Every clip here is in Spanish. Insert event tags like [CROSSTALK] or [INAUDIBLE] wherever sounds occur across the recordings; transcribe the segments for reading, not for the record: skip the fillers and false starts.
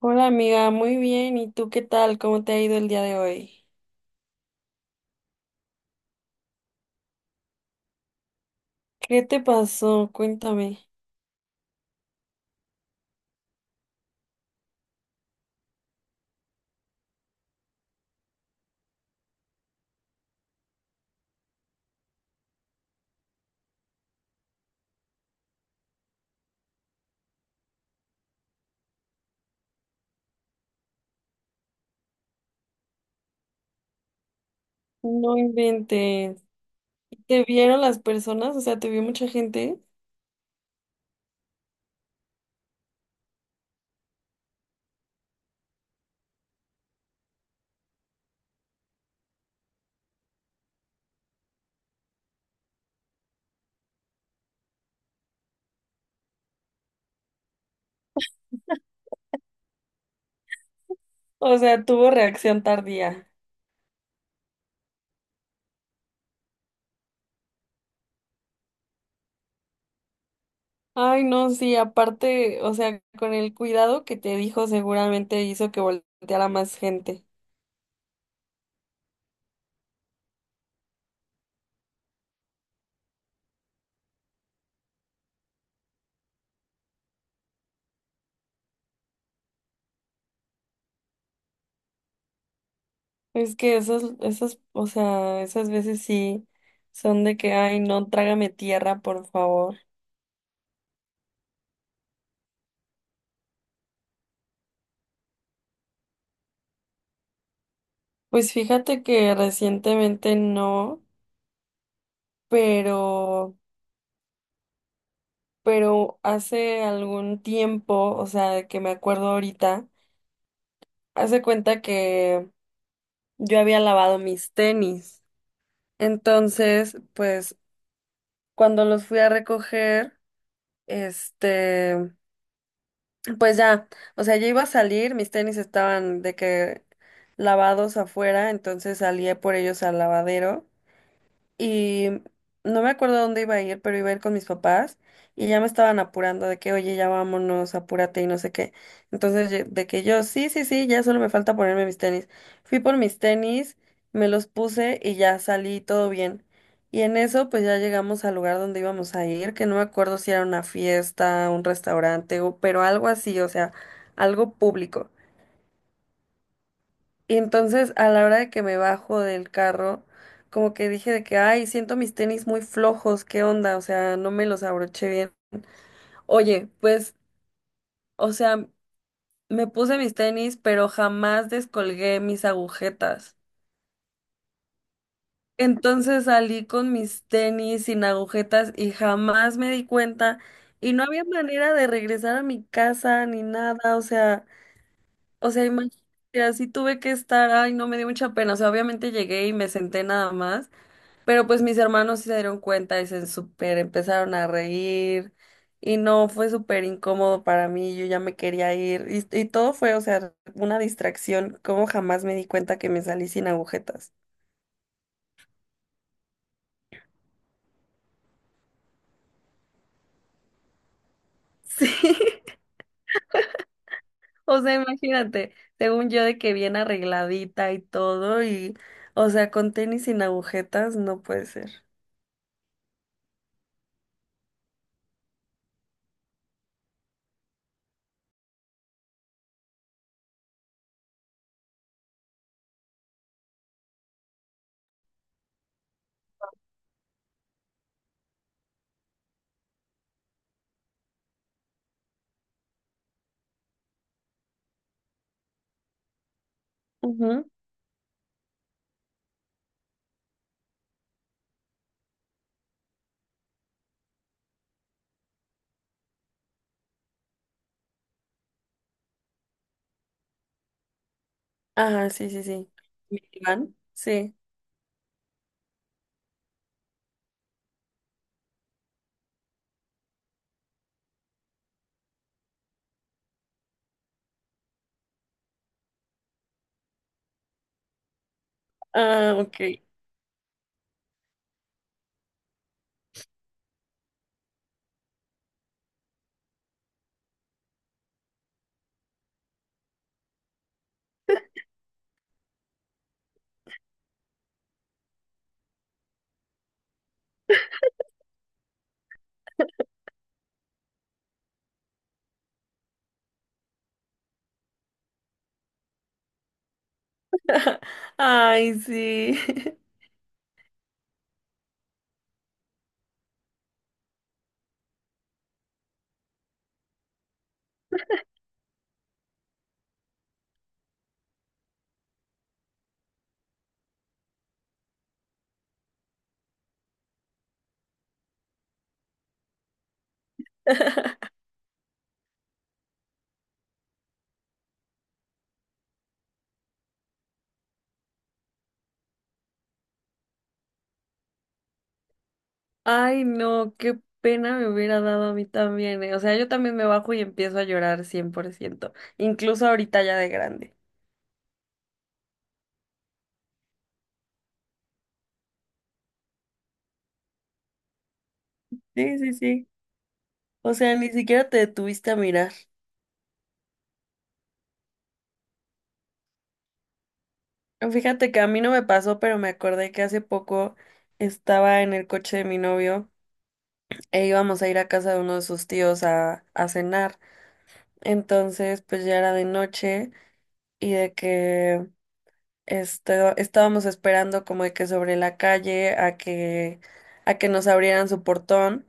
Hola amiga, muy bien. ¿Y tú qué tal? ¿Cómo te ha ido el día de hoy? ¿Qué te pasó? Cuéntame. No inventes. ¿Te vieron las personas? O sea, ¿te vio mucha gente? O sea, tuvo reacción tardía. Ay, no, sí, aparte, o sea, con el cuidado que te dijo, seguramente hizo que volteara más gente. Es que esas, o sea, esas veces sí son de que, ay, no, trágame tierra, por favor. Pues fíjate que recientemente no, pero pero hace algún tiempo, o sea, de que me acuerdo ahorita, hace cuenta que yo había lavado mis tenis. Entonces, pues cuando los fui a recoger, este, pues ya, o sea, yo iba a salir, mis tenis estaban de que lavados afuera, entonces salí por ellos al lavadero. Y no me acuerdo a dónde iba a ir, pero iba a ir con mis papás y ya me estaban apurando de que, oye, ya vámonos, apúrate y no sé qué. Entonces, de que yo, sí, sí, sí, ya solo me falta ponerme mis tenis. Fui por mis tenis, me los puse y ya salí todo bien. Y en eso, pues ya llegamos al lugar donde íbamos a ir, que no me acuerdo si era una fiesta, un restaurante, pero algo así, o sea, algo público. Y entonces a la hora de que me bajo del carro, como que dije de que, ay, siento mis tenis muy flojos, ¿qué onda? O sea, no me los abroché bien. Oye, pues, o sea, me puse mis tenis, pero jamás descolgué mis agujetas. Entonces salí con mis tenis sin agujetas y jamás me di cuenta y no había manera de regresar a mi casa ni nada, o sea, imagínate, así tuve que estar, ay, no me dio mucha pena, o sea, obviamente llegué y me senté nada más. Pero pues mis hermanos sí se dieron cuenta y se súper empezaron a reír y no, fue súper incómodo para mí, yo ya me quería ir y todo fue, o sea, una distracción, como jamás me di cuenta que me salí sin agujetas. [LAUGHS] Sí, o sea, imagínate, según yo de que bien arregladita y todo y, o sea, con tenis sin agujetas no puede ser. Ujú. Ajá, sí, sí, sí. ¿Milán? Sí. Ah, ok. [LAUGHS] Ay, sí. [LAUGHS] Ay, no, qué pena me hubiera dado a mí también, eh. O sea, yo también me bajo y empiezo a llorar 100%. Incluso ahorita ya de grande. Sí, sí, sí. O sea, ni siquiera te detuviste a mirar. Fíjate que a mí no me pasó, pero me acordé que hace poco estaba en el coche de mi novio e íbamos a ir a casa de uno de sus tíos a cenar. Entonces, pues ya era de noche y de que estábamos esperando como de que sobre la calle a que nos abrieran su portón.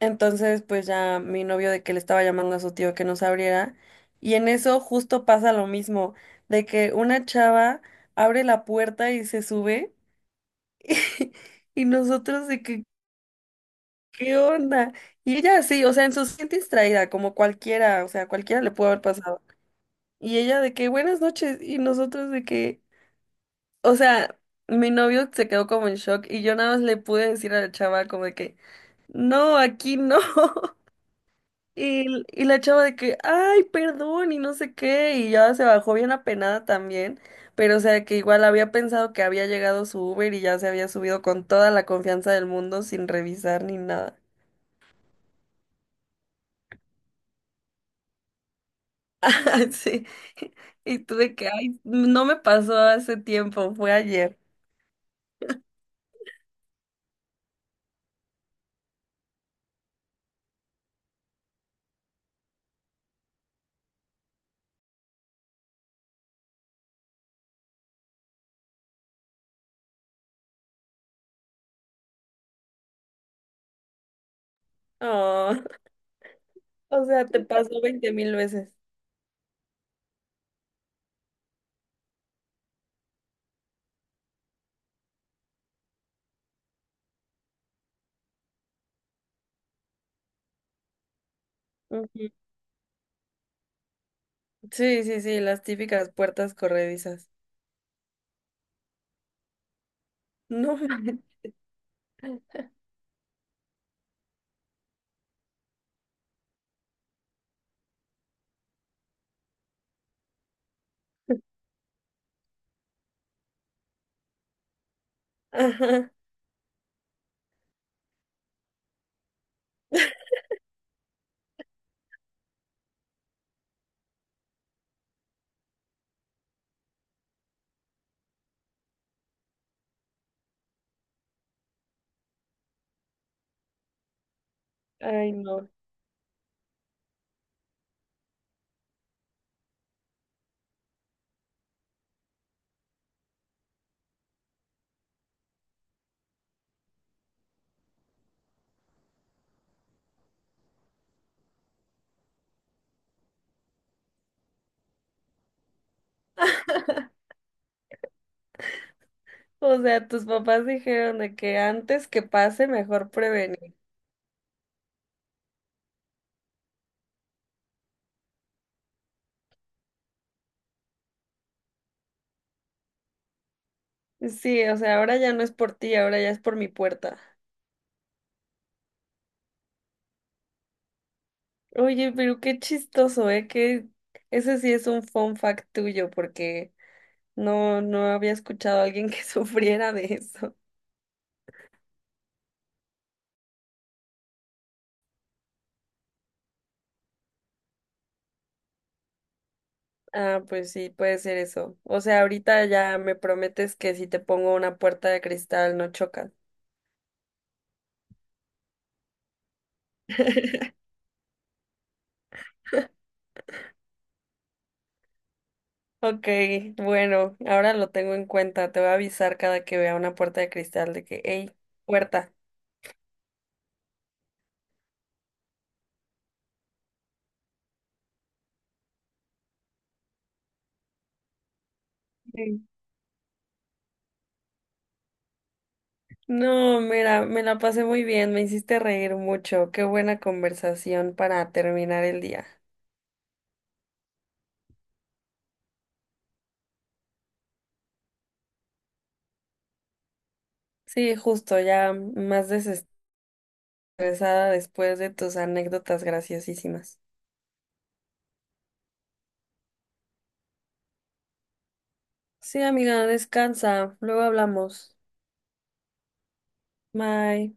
Entonces, pues ya mi novio de que le estaba llamando a su tío que nos abriera y en eso justo pasa lo mismo, de que una chava abre la puerta y se sube [LAUGHS] y, nosotros de que ¿qué onda? Y ella así, o sea, en su siente distraída como cualquiera, o sea, cualquiera le puede haber pasado. Y ella de que buenas noches y nosotros de que o sea, mi novio se quedó como en shock y yo nada más le pude decir a la chava como de que, no, aquí no. [LAUGHS] Y la chava de que, ay, perdón y no sé qué. Y ya se bajó bien apenada también. Pero o sea, que igual había pensado que había llegado su Uber y ya se había subido con toda la confianza del mundo sin revisar ni nada. [LAUGHS] Sí. Y tuve que, ay, no me pasó hace tiempo, fue ayer. Oh, [LAUGHS] o sea, te [LAUGHS] pasó 20.000 veces. Sí, sí, sí, las típicas puertas corredizas. No, [LAUGHS] ajá. Ay, no. O sea, tus papás dijeron de que antes que pase, mejor prevenir. Sí, o sea, ahora ya no es por ti, ahora ya es por mi puerta. Oye, pero qué chistoso, ¿eh? Que ese sí es un fun fact tuyo, porque no, no había escuchado a alguien que [LAUGHS] sufriera de eso. Ah, pues sí, puede ser eso. O sea, ahorita ya me prometes que si te pongo una puerta de cristal no chocas. [LAUGHS] Ok, bueno, ahora lo tengo en cuenta. Te voy a avisar cada que vea una puerta de cristal de que, hey, puerta. Sí. No, mira, me la pasé muy bien, me hiciste reír mucho. Qué buena conversación para terminar el día. Sí, justo, ya más desestresada después de tus anécdotas graciosísimas. Sí, amiga, descansa, luego hablamos. Bye.